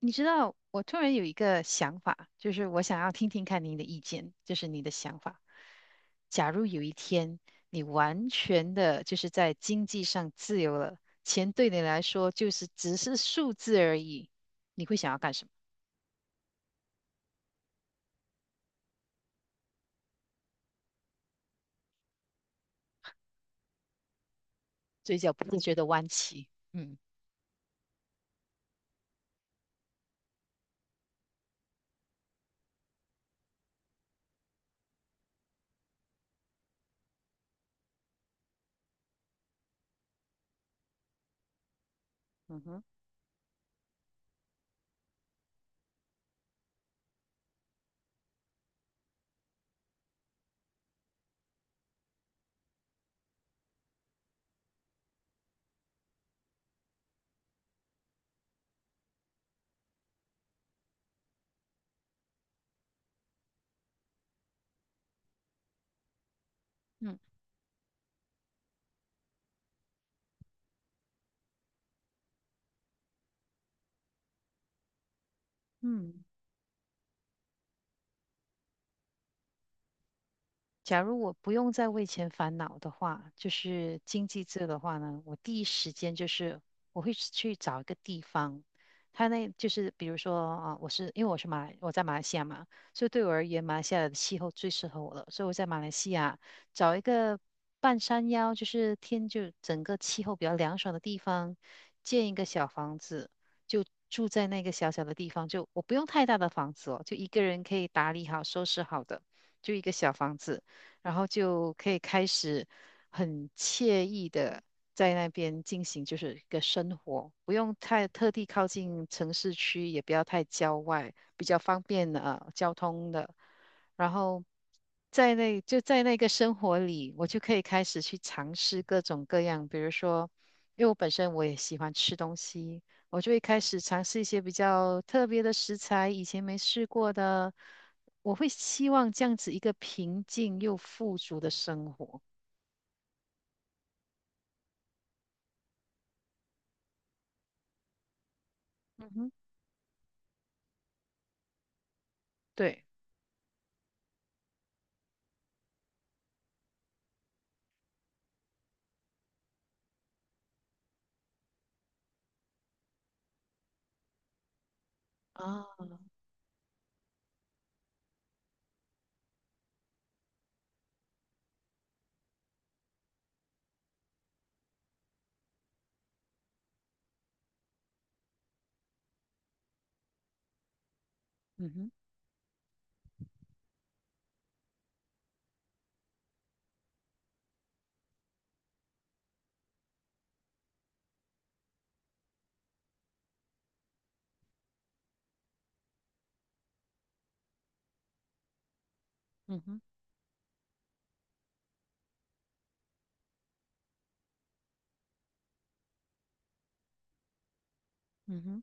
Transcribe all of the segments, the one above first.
你知道，我突然有一个想法，就是我想要听听看您的意见，就是你的想法。假如有一天你完全的就是在经济上自由了，钱对你来说就是只是数字而已，你会想要干什么？嘴角不自觉的弯起，嗯嗯哼，嗯。嗯。假如我不用再为钱烦恼的话，就是经济这的话呢，我第一时间就是我会去找一个地方，他那就是比如说啊，我是因为我是马来，我在马来西亚嘛，所以对我而言，马来西亚的气候最适合我了，所以我在马来西亚找一个半山腰，就是天就整个气候比较凉爽的地方，建一个小房子，就住在那个小小的地方，就我不用太大的房子哦，就一个人可以打理好、收拾好的。就一个小房子，然后就可以开始很惬意的在那边进行就是一个生活，不用太特地靠近城市区，也不要太郊外，比较方便交通的。然后在那个生活里，我就可以开始去尝试各种各样，比如说，因为我本身我也喜欢吃东西，我就会开始尝试一些比较特别的食材，以前没试过的。我会希望这样子一个平静又富足的生活。嗯哼，对啊，嗯哼，嗯哼，嗯哼，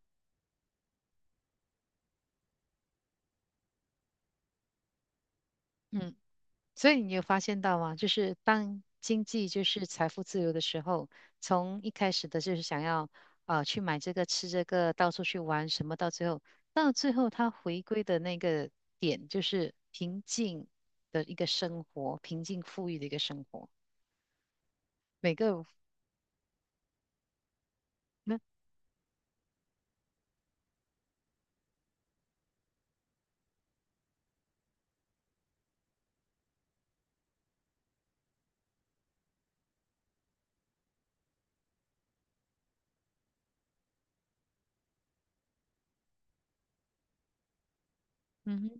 嗯。所以你有发现到吗？就是当经济就是财富自由的时候，从一开始的就是想要啊、去买这个吃这个，到处去玩什么，到最后他回归的那个点就是平静的一个生活，平静富裕的一个生活。每个那嗯哼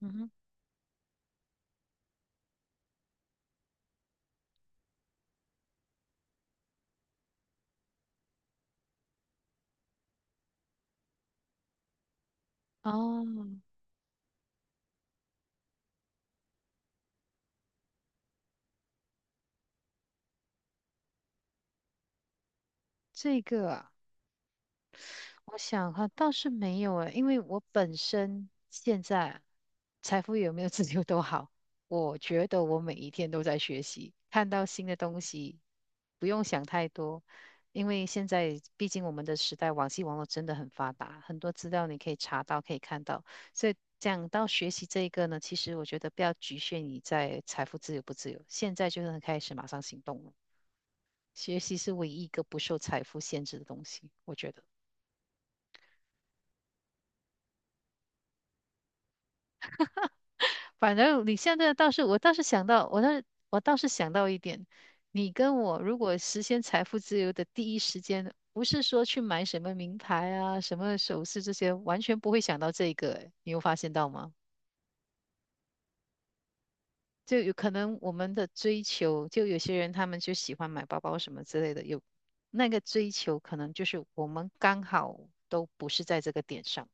嗯哼哦，这个啊我想哈，倒是没有诶，因为我本身现在财富有没有自由都好，我觉得我每一天都在学习，看到新的东西，不用想太多，因为现在毕竟我们的时代，网际网络真的很发达，很多资料你可以查到，可以看到，所以讲到学习这一个呢，其实我觉得不要局限你在财富自由不自由，现在就能开始马上行动了，学习是唯一一个不受财富限制的东西，我觉得。反正你现在倒是，我倒是想到，我倒是想到一点，你跟我如果实现财富自由的第一时间，不是说去买什么名牌啊、什么首饰这些，完全不会想到这个，诶你有发现到吗？就有可能我们的追求，就有些人他们就喜欢买包包什么之类的，有那个追求，可能就是我们刚好都不是在这个点上。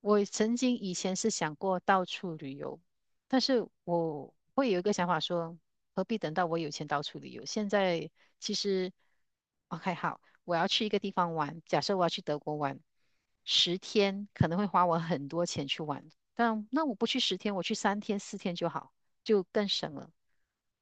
我曾经以前是想过到处旅游，但是我会有一个想法说，何必等到我有钱到处旅游？现在其实，OK，好，我要去一个地方玩，假设我要去德国玩，十天可能会花我很多钱去玩，但那我不去十天，我去3天4天就好，就更省了。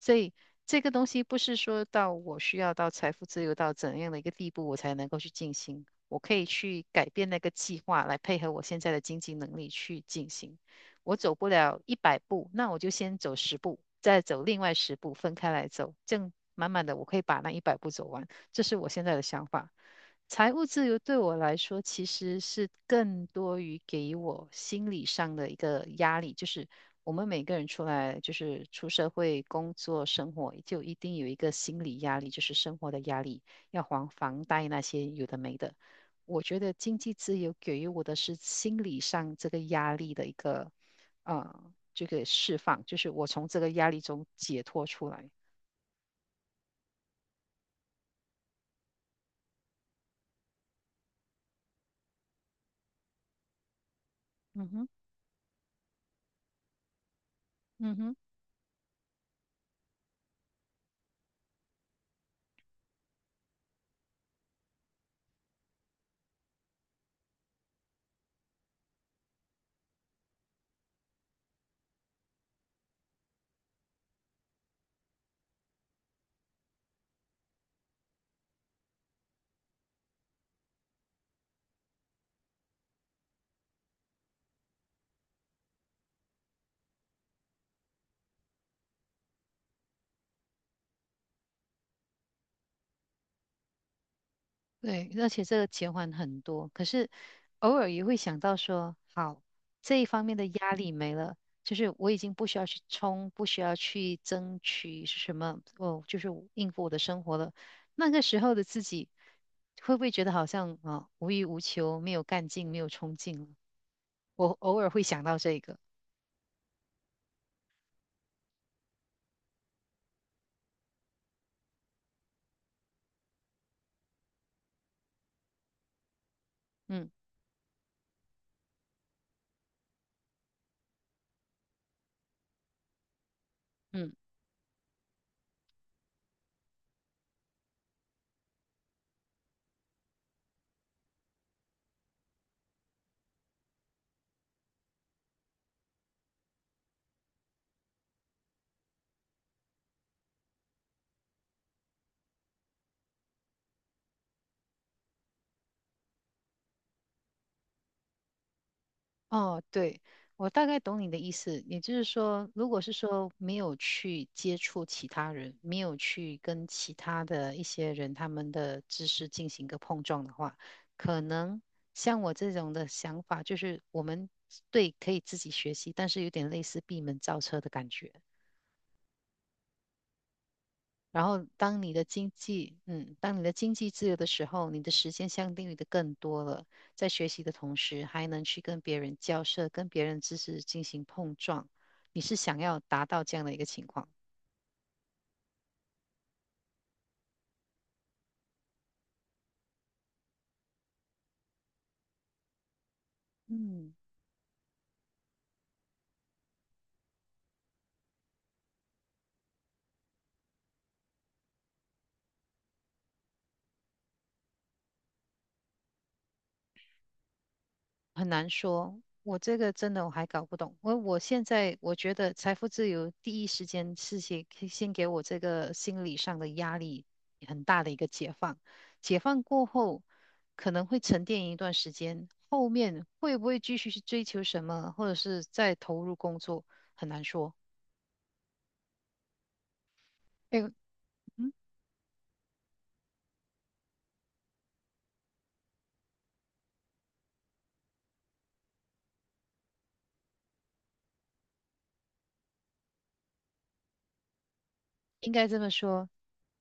所以这个东西不是说到我需要到财富自由到怎样的一个地步，我才能够去进行。我可以去改变那个计划，来配合我现在的经济能力去进行。我走不了一百步，那我就先走十步，再走另外十步，分开来走，这样慢慢的我可以把那一百步走完。这是我现在的想法。财务自由对我来说，其实是更多于给我心理上的一个压力，就是我们每个人出来，就是出社会工作生活，就一定有一个心理压力，就是生活的压力，要还房贷那些有的没的。我觉得经济自由给予我的是心理上这个压力的一个这个释放，就是我从这个压力中解脱出来。嗯哼，嗯哼，对，而且这个减缓很多，可是偶尔也会想到说，好，这一方面的压力没了，就是我已经不需要去冲，不需要去争取是什么，哦，就是应付我的生活了。那个时候的自己，会不会觉得好像啊、无欲无求，没有干劲，没有冲劲了？我偶尔会想到这个，嗯嗯，哦，对，我大概懂你的意思，也就是说，如果是说没有去接触其他人，没有去跟其他的一些人他们的知识进行一个碰撞的话，可能像我这种的想法，就是我们对可以自己学习，但是有点类似闭门造车的感觉。然后，当你的经济，嗯，当你的经济自由的时候，你的时间相对于的更多了。在学习的同时，还能去跟别人交涉，跟别人知识进行碰撞。你是想要达到这样的一个情况？嗯。很难说，我这个真的我还搞不懂。我现在我觉得财富自由第一时间是先给我这个心理上的压力很大的一个解放，解放过后可能会沉淀一段时间，后面会不会继续去追求什么，或者是再投入工作，很难说。哎，嗯，应该这么说，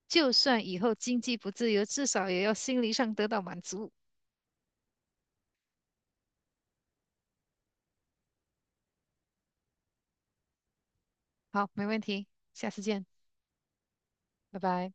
就算以后经济不自由，至少也要心理上得到满足。好，没问题，下次见，拜拜。